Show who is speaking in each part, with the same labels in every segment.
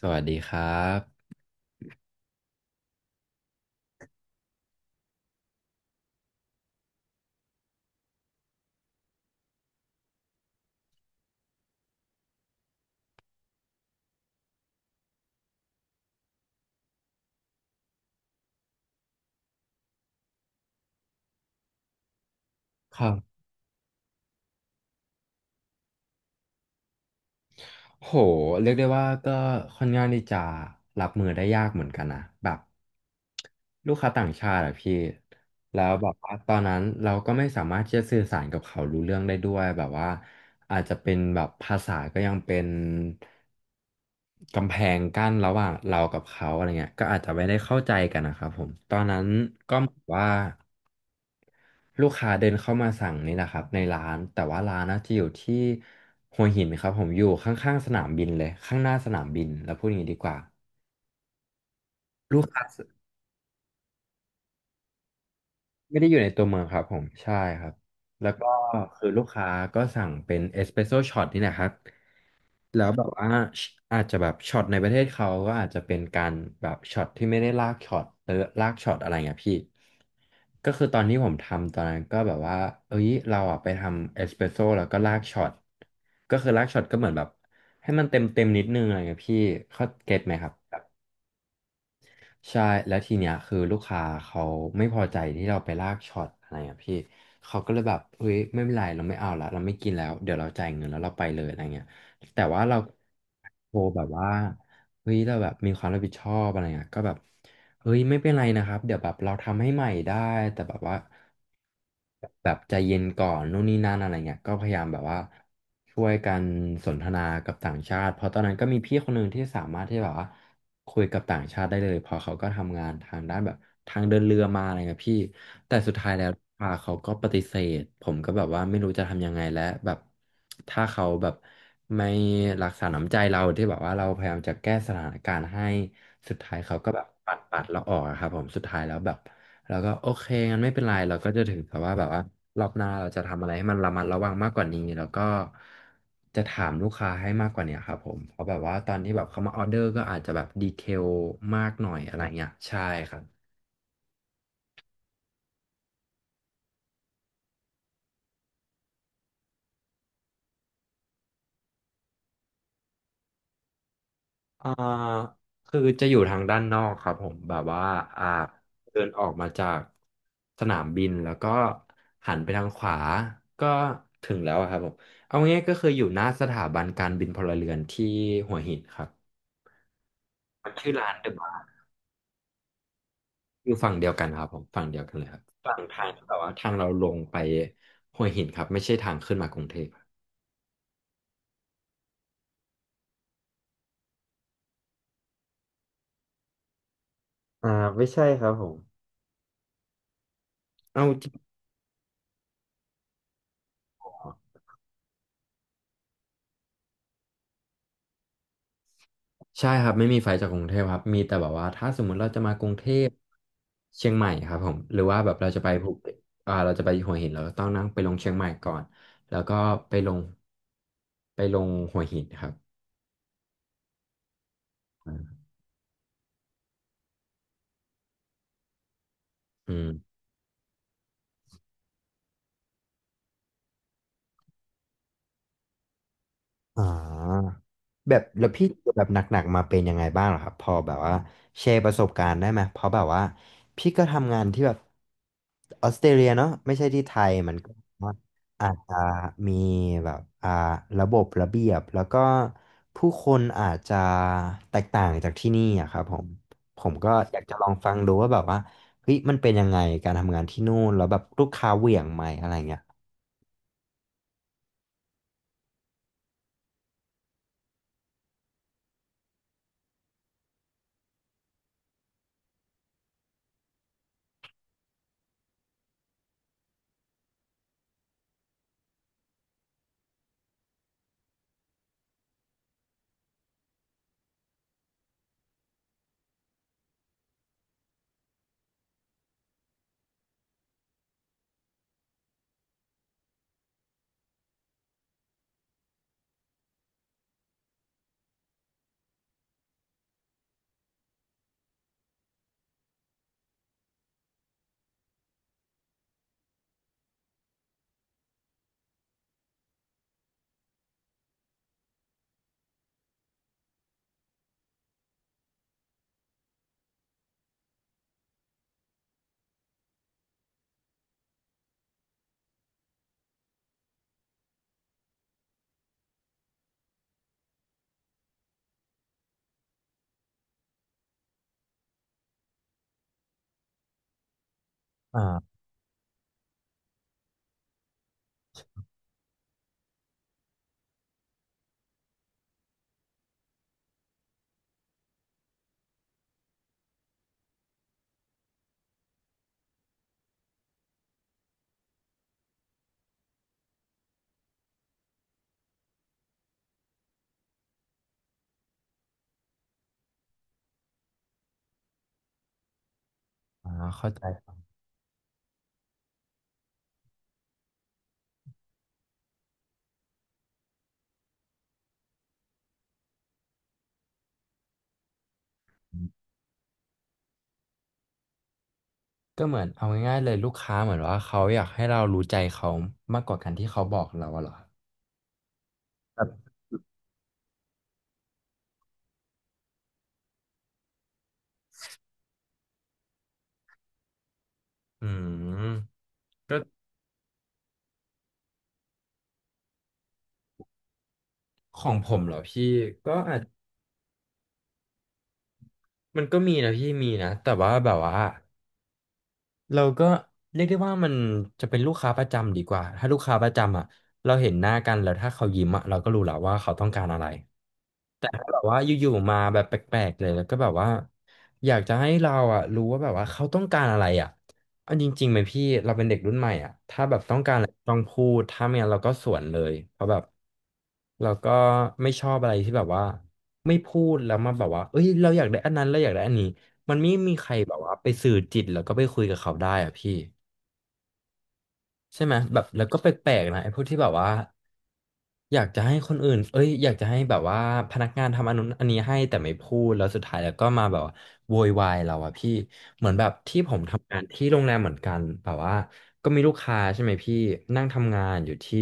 Speaker 1: สวัสดีครับครับโหเรียกได้ว่าก็ค่อนข้างที่จะรับมือได้ยากเหมือนกันนะแบบลูกค้าต่างชาติอะพี่แล้วแบบว่าตอนนั้นเราก็ไม่สามารถที่จะสื่อสารกับเขารู้เรื่องได้ด้วยแบบว่าอาจจะเป็นแบบภาษาก็ยังเป็นกำแพงกั้นระหว่างเรากับเขาอะไรเงี้ยก็อาจจะไม่ได้เข้าใจกันนะครับผมตอนนั้นก็เหมือนว่า ลูกค้าเดินเข้ามาสั่งนี่แหละครับในร้านแต่ว่าร้านนะจะอยู่ที่หัวหินครับผมอยู่ข้างๆสนามบินเลยข้างหน้าสนามบินแล้วพูดอย่างนี้ดีกว่าลูกค้าไม่ได้อยู่ในตัวเมืองครับผมใช่ครับแล้วก็คือลูกค้าก็สั่งเป็นเอสเปรสโซช็อตนี่แหละครับ แล้วแบบว่าอาจจะแบบช็อตในประเทศเขาก็อาจจะเป็นการแบบช็อตที่ไม่ได้ลากช็อตลากช็อตอะไรเงี้ยพี่ก็คือตอนที่ผมทำตอนนั้นก็แบบว่าเอ้ยเราอ่ะไปทำเอสเปรสโซ่แล้วก็ลากช็อตก็คือลากช็อตก็เหมือนแบบให้มันเต็มเต็มนิดนึงอะไรเงี้ยพี่เขาเก็ตไหมครับ ใช่แล้วทีเนี้ยคือลูกค้าเขาไม่พอใจที่เราไปลากช็อตอะไรอ่ะพี่เขาก็เลยแบบเฮ้ยไม่เป็นไรเราไม่เอาละเราไม่กินแล้วเดี๋ยวเราจ่ายเงินแล้วเราไปเลยอะไรเงี้ยแต่ว่าเราโทรแบบว่าเฮ้ยเราแบบมีความรับผิดชอบอะไรเงี้ยก็แบบเฮ้ยไม่เป็นไรนะครับเดี๋ยวแบบเราทำให้ใหม่ได้แต่แบบว่าแบบใจเย็นก่อนนู่นนี่นั่นอะไรเงี้ยก็พยายามแบบว่าช่วยกันสนทนากับต่างชาติเพราะตอนนั้นก็มีพี่คนหนึ่งที่สามารถที่แบบว่า คุยกับต่างชาติได้เลยเพอเขาก็ทำงานทางด้านแบบทางเดินเรือมาอะไรเงี้ยพี่แต่สุดท้ายแล้วเขาก็ปฏิเสธผมก็แบบว่าไม่รู้จะทำยังไงแล้วแบบถ้าเขาแบบไม่รักษาน้ำใจเราที่แบบว่าเราพยายามจะแก้สถานการณ์ให้สุดท้ายเขาก็แบบปัดปัดเราออกอะครับผมสุดท้ายแล้วแบบ แล้วก็โอเคงั้นไม่เป็นไรเราก็จะถือแต่ว่าแบบว่ารอบหน้าเราจะทำอะไรให้มันระมัดระวังมากกว่านี้แล้วก็จะถามลูกค้าให้มากกว่าเนี้ยครับผมเพราะแบบว่าตอนที่แบบเขามาออเดอร์ก็อาจจะแบบดีเทลมากหน่อยอะไรเงี้ยใช่ครับอ่าคือจะอยู่ทางด้านนอกครับผมแบบว่าอ่าเดินออกมาจากสนามบินแล้วก็หันไปทางขวาก็ถึงแล้วอะครับผมเอาง่ายๆก็คืออยู่หน้าสถาบันการบินพลเรือนที่หัวหินครับมันชื่อร้านเดอะ อยู่ฝั่งเดียวกันครับผมฝั่งเดียวกันเลยครับฝั่งทางที่แบบว่าทางเราลงไปห้วยหินครับไม่ใช่ทางขึ้นมากรุงเทพครับอ่าไม่ใช่ครับผมเอาจริงเหรอใช่ครับไม่มีไฟจากกรุงเทพครับมีแต่แบบว่าถ้าสมมุติเราจะมากรุงเทพเชียงใหม่ครับผมหรือว่าแบบเราจะไปภูเก็ตเราจะไปหัวหินเราก็ต้องนั่งไปลงเชียงใหม่ก่อนแล้วก็ไปลงไปลงหัวหินครับอืมอ่า แบบแล้วพี่เจอแบบหนักๆมาเป็นยังไงบ้างเหรอครับพอแบบว่าแชร์ประสบการณ์ได้ไหมเพราะแบบว่าพี่ก็ทำงานที่แบบออสเตรเลียเนาะไม่ใช่ที่ไทยมันก็ว่าอาจจะมีแบบระบบระเบียบแล้วก็ผู้คนอาจจะแตกต่างจากที่นี่อะครับผมผมก็อยากจะลองฟังดูว่าแบบว่าเฮ้ยมันเป็นยังไงการทำงานที่นู่นแล้วแบบลูกค้าเหวี่ยงไหมอะไรเงี้ยอ่าอ่าเข้าใจ ก็เหมือนเอาง่ายๆเลยลูกค้าเหมือนว่าเขาอยากให้เรารู้ใจเขามากกว่าการที่เขาบอกเราอะเหรอครับอืมก็ของผมเหรอพี่ก็อาจมันก็มีนะพี่มีนะแต่ว่าแบบว่าเราก็เรียกได้ว่ามันจะเป็นลูกค้าประจำดีกว่าถ้าลูกค้าประจำอ่ะเราเห็นหน้ากันแล้วถ้าเขายิ้มอ่ะเราก็รู้แล้วว่าเขาต้องการอะไร แต่ถ้าแบบว่าอยู่ๆมาแบบแปลกๆเลยแล้วก็แบบว่าอยากจะให้เราอ่ะรู้ว่าแบบว่าเขาต้องการอะไรอ่ะเอาจริงๆไหมพี่เราเป็นเด็กรุ่นใหม่อ่ะถ้าแบบต้องการอะไรต้องพูดถ้าไม่งั้นเราก็สวนเลยเพราะแบบเราก็ไม่ชอบอะไรที่แบบว่าไม่พูดแล้วมาแบบว่าเอ้ยเราอยากได้อันนั้นเราอยากได้อันนี้มันไม่มีใครแบบว่าไปสื่อจิตแล้วก็ไปคุยกับเขาได้อ่ะพี่ใช่ไหมแบบแล้วก็แปลกๆนะไอ้พวกที่แบบว่า อยากจะให้คนอื่นเอ้ยอยากจะให้แบบว่าพนักงานทำอันนู้นอันนี้ให้แต่ไม่พูดแล้วสุดท้ายแล้วก็มาแบบว่าโวยวายเราอะพี่เหมือนแบบที่ผมทำงานที่โรงแรมเหมือนกันแบบว่าก็มีลูกค้าใช่ไหมพี่นั่งทำงานอยู่ที่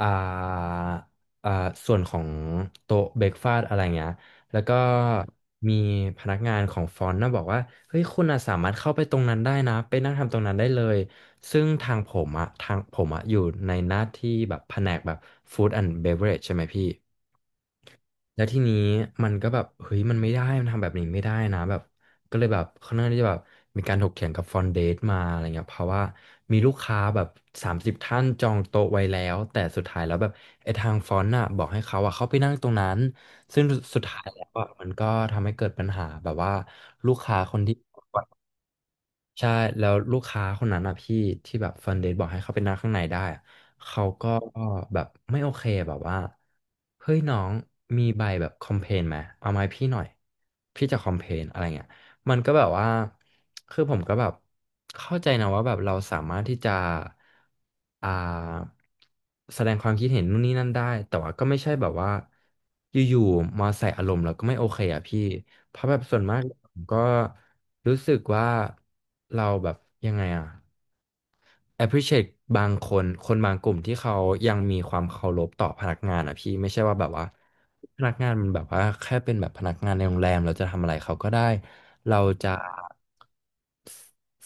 Speaker 1: อ่าอ่าส่วนของโต๊ะเบรกฟาสอะไรเงี้ยแล้วก็มีพนักงานของฟอนต์นะบอกว่าเฮ้ยคุณอะสามารถเข้าไปตรงนั้นได้นะไปนั่งทำตรงนั้นได้เลยซึ่งทางผมอะอยู่ในหน้าที่แบบแผนกแบบฟู้ดแอนด์เบเวอเรจใช่ไหมพี่ แล้วทีนี้มันก็แบบเฮ้ยมันไม่ได้มันทำแบบนี้ไม่ได้นะแบบก็เลยแบบค่อนข้างที่จะแบบมีการถกเถียงกับฟอนเดตมาอะไรเงี้ยเพราะว่ามีลูกค้าแบบ30ท่านจองโต๊ะไว้แล้วแต่สุดท้ายแล้วแบบไอ้ทางฟอนต์น่ะบอกให้เขาอะเข้าไปนั่งตรงนั้นซึ่งสุดท้ายแล้วอะมันก็ทำให้เกิดปัญหาแบบว่าลูกค้าคนที่ ใช่แล้วลูกค้าคนนั้นอะพี่ที่แบบเฟิร์นเดทบอกให้เขาไปนั่งข้างในได้อะเขาก็แบบไม่โอเคแบบว่าเฮ้ยน้องมีใบแบบคอมเพลนไหมเอามาให้พี่หน่อยพี่จะคอมเพลนอะไรเงี้ย มันก็แบบว่า คือผมก็แบบเข้าใจนะว่าแบบเราสามารถที่จะอ่าแสดงความคิดเห็นนู่นนี่นั่นได้ แต่ว่าก็ไม่ใช่แบบว่าอยู่ๆมาใส่อารมณ์แล้วก็ไม่โอเคอ่ะพี่ เพราะแบบส่วนมากผมก็รู้สึกว่าเราแบบยังไงอ่ะ appreciate บางคนบางกลุ่มที่เขายังมีความเคารพต่อพนักงานอ่ะพี่ไม่ใช่ว่าแบบว่าพนักงานมันแบบว่าแค่เป็นแบบพนักงานในโรงแรมเราจะทำอะไรเขาก็ได้เราจะ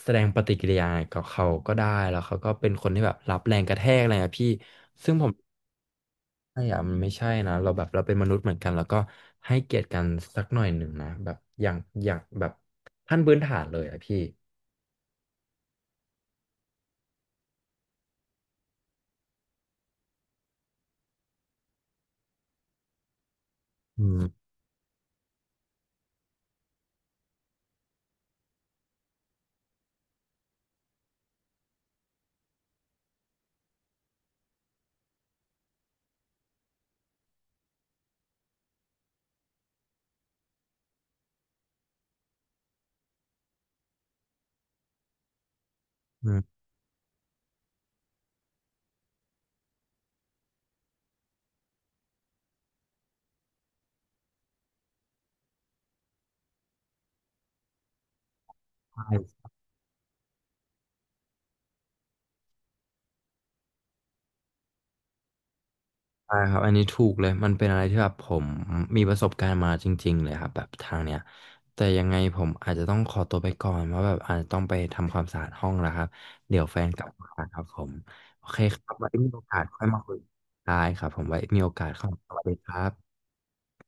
Speaker 1: แสดงปฏิกิริยากับเขาก็ได้แล้วเขาก็เป็นคนที่แบบรับแรงกระแทกอะไรอะพี่ซึ่งผมไม่อะมันไม่ใช่นะเราแบบเราเป็นมนุษย์เหมือนกันแล้วก็ให้เกียรติกันสักหน่อยหนึ่งนะแบบอย่างแบบขั้นพื้นฐานเลยอะพี่อืมอืมใช่ ใช่ครับอันนี้ถูกเลยมันเป็นอะไรที่แบบผมมีประสบการณ์มาจริงๆเลยครับแบบทางเนี้ยแต่ยังไงผมอาจจะต้องขอตัวไปก่อนเพราะแบบอาจจะต้องไปทำความสะอาดห้องแล้วครับเดี๋ยวแฟนกลับมาครับผมโอเคครับไว้มีโอกาสค่อยมาคุยได้ครับผมไว้มีโอกาสเข้ามาสวัสดีครับ